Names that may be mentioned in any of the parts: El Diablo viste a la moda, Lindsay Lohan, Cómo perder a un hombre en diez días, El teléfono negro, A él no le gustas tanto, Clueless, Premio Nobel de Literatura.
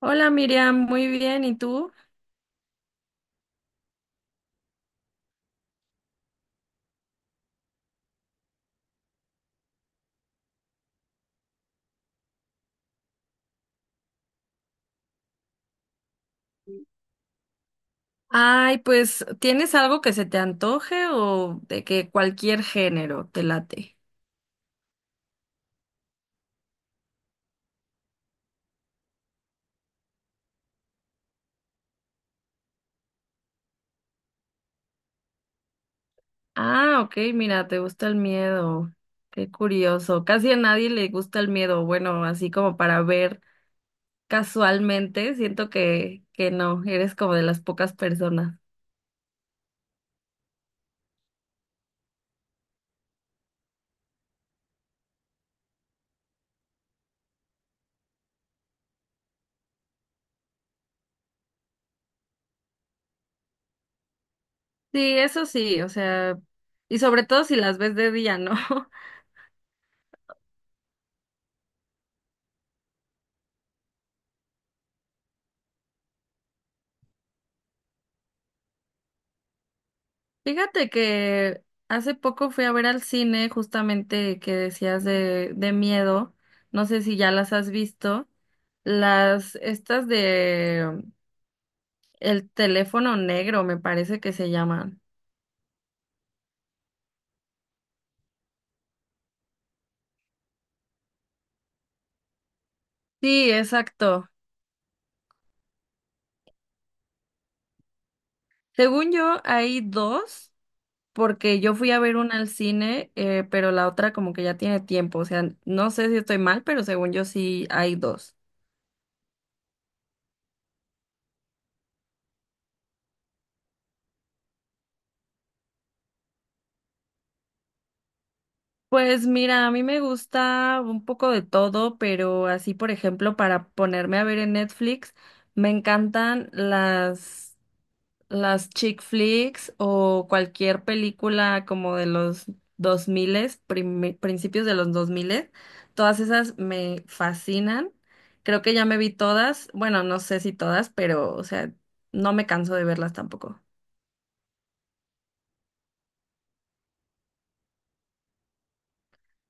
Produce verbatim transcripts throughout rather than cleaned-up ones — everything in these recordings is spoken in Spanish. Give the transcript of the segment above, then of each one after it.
Hola Miriam, muy bien, ¿y tú? Ay, pues, ¿tienes algo que se te antoje o de que cualquier género te late? Ah, ok, mira, te gusta el miedo. Qué curioso. Casi a nadie le gusta el miedo. Bueno, así como para ver casualmente, siento que, que no, eres como de las pocas personas. Sí, eso sí, o sea, y sobre todo si las ves de día, ¿no? Fíjate que hace poco fui a ver al cine justamente que decías de, de miedo. No sé si ya las has visto. Las, estas de El teléfono negro, me parece que se llaman. Sí, exacto. Según yo, hay dos, porque yo fui a ver una al cine, eh, pero la otra como que ya tiene tiempo. O sea, no sé si estoy mal, pero según yo sí hay dos. Pues mira, a mí me gusta un poco de todo, pero así, por ejemplo, para ponerme a ver en Netflix, me encantan las las chick flicks o cualquier película como de los dos primi- principios de los dos mil, todas esas me fascinan. Creo que ya me vi todas, bueno, no sé si todas, pero o sea, no me canso de verlas tampoco.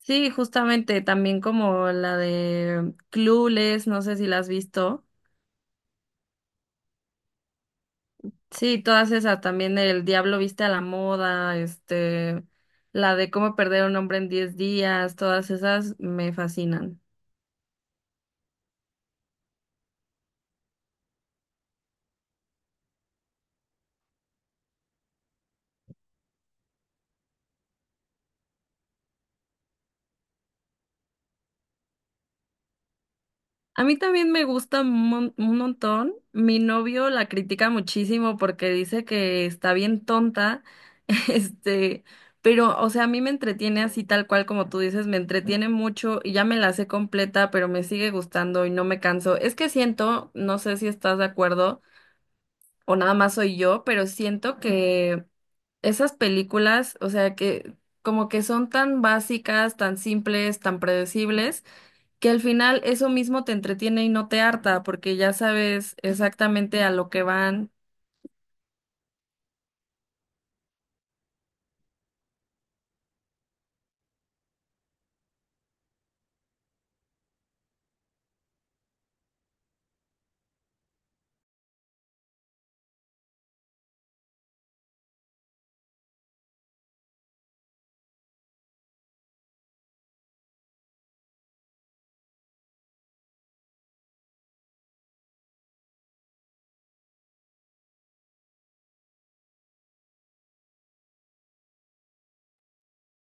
Sí, justamente, también como la de Clueless, no sé si la has visto. Sí, todas esas, también el Diablo viste a la moda, este, la de cómo perder a un hombre en diez días, todas esas me fascinan. A mí también me gusta un, mon- un montón. Mi novio la critica muchísimo porque dice que está bien tonta, este, pero, o sea, a mí me entretiene así tal cual como tú dices, me entretiene mucho y ya me la sé completa, pero me sigue gustando y no me canso. Es que siento, no sé si estás de acuerdo o nada más soy yo, pero siento que esas películas, o sea, que como que son tan básicas, tan simples, tan predecibles, que al final eso mismo te entretiene y no te harta, porque ya sabes exactamente a lo que van.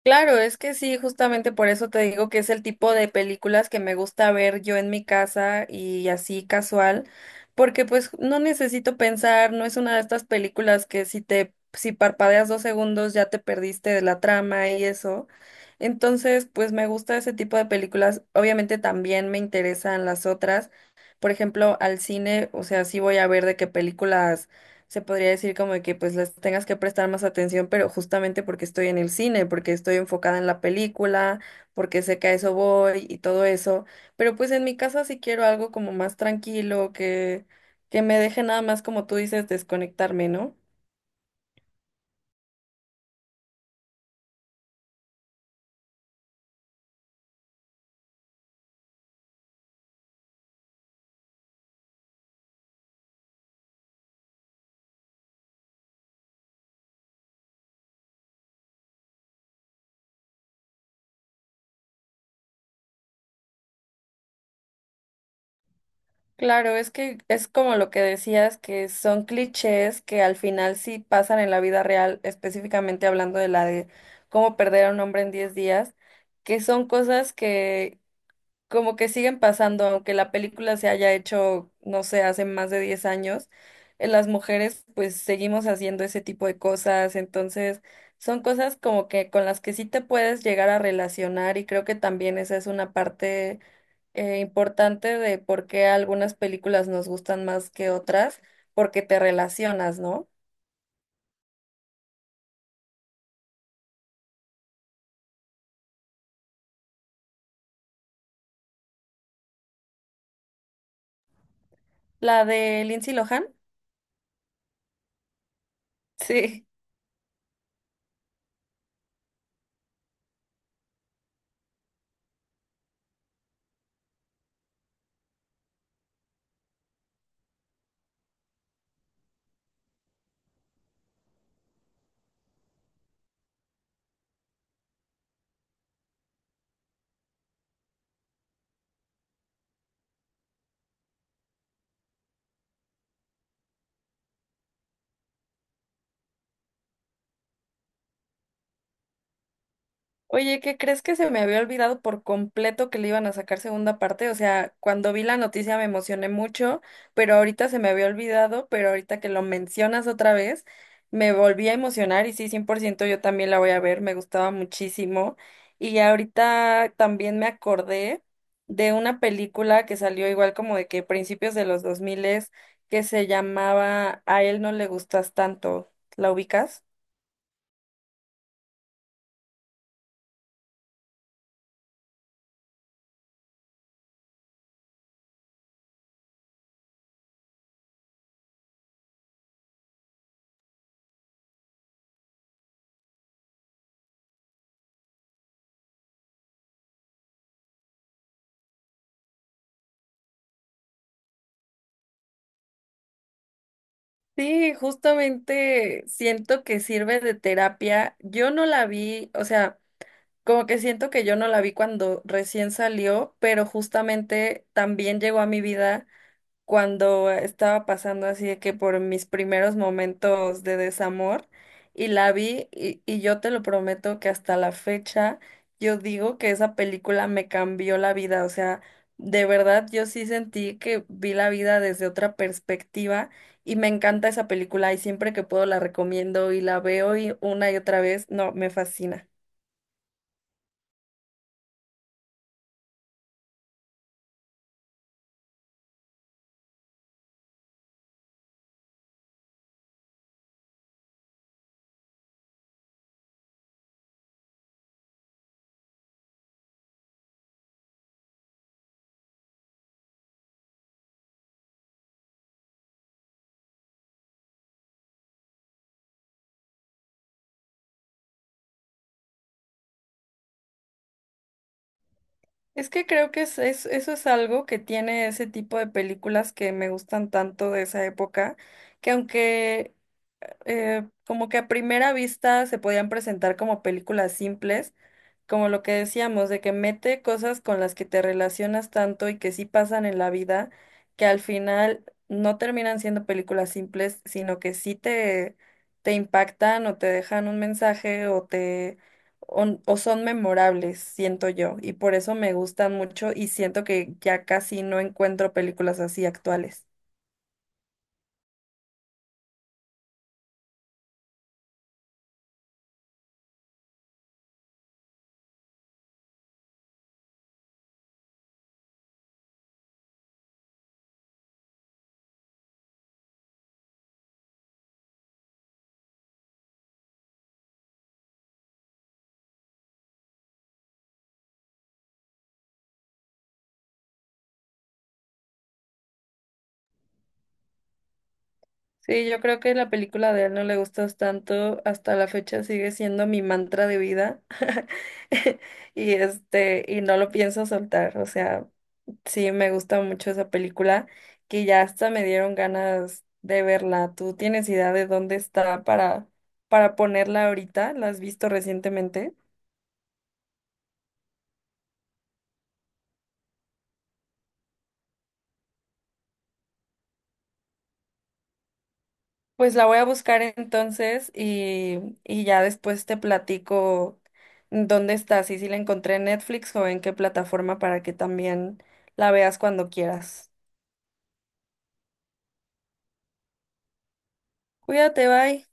Claro, es que sí, justamente por eso te digo que es el tipo de películas que me gusta ver yo en mi casa y así casual, porque pues no necesito pensar, no es una de estas películas que si te, si parpadeas dos segundos ya te perdiste de la trama y eso. Entonces, pues me gusta ese tipo de películas. Obviamente también me interesan las otras. Por ejemplo, al cine, o sea, sí voy a ver de qué películas se podría decir como que pues les tengas que prestar más atención, pero justamente porque estoy en el cine, porque estoy enfocada en la película, porque sé que a eso voy y todo eso. Pero pues en mi casa sí quiero algo como más tranquilo, que, que me deje nada más como tú dices, desconectarme, ¿no? Claro, es que es como lo que decías, que son clichés que al final sí pasan en la vida real, específicamente hablando de la de cómo perder a un hombre en diez días, que son cosas que como que siguen pasando, aunque la película se haya hecho, no sé, hace más de diez años, eh, las mujeres pues seguimos haciendo ese tipo de cosas, entonces son cosas como que con las que sí te puedes llegar a relacionar y creo que también esa es una parte eh, importante de por qué algunas películas nos gustan más que otras, porque te relacionas, ¿no? La de Lindsay Lohan, sí. Oye, ¿qué crees que se me había olvidado por completo que le iban a sacar segunda parte? O sea, cuando vi la noticia me emocioné mucho, pero ahorita se me había olvidado, pero ahorita que lo mencionas otra vez, me volví a emocionar y sí, cien por ciento, yo también la voy a ver, me gustaba muchísimo. Y ahorita también me acordé de una película que salió igual como de que principios de los dos mil que se llamaba A él no le gustas tanto. ¿La ubicas? Sí, justamente siento que sirve de terapia. Yo no la vi, o sea, como que siento que yo no la vi cuando recién salió, pero justamente también llegó a mi vida cuando estaba pasando así de que por mis primeros momentos de desamor y la vi y, y yo te lo prometo que hasta la fecha yo digo que esa película me cambió la vida, o sea, de verdad yo sí sentí que vi la vida desde otra perspectiva y me encanta esa película y siempre que puedo la recomiendo y la veo y una y otra vez, no, me fascina. Es que creo que es, es- eso es algo que tiene ese tipo de películas que me gustan tanto de esa época, que aunque eh, como que a primera vista se podían presentar como películas simples, como lo que decíamos, de que mete cosas con las que te relacionas tanto y que sí pasan en la vida, que al final no terminan siendo películas simples, sino que sí te, te impactan o te dejan un mensaje o te o, o son memorables, siento yo, y por eso me gustan mucho y siento que ya casi no encuentro películas así actuales. Sí, yo creo que la película de él no le gustas tanto, hasta la fecha sigue siendo mi mantra de vida. Y este, y no lo pienso soltar, o sea, sí me gusta mucho esa película, que ya hasta me dieron ganas de verla. ¿Tú tienes idea de dónde está para para ponerla ahorita? ¿La has visto recientemente? Pues la voy a buscar entonces y, y ya después te platico dónde está, si si la encontré en Netflix o en qué plataforma para que también la veas cuando quieras. Cuídate, bye.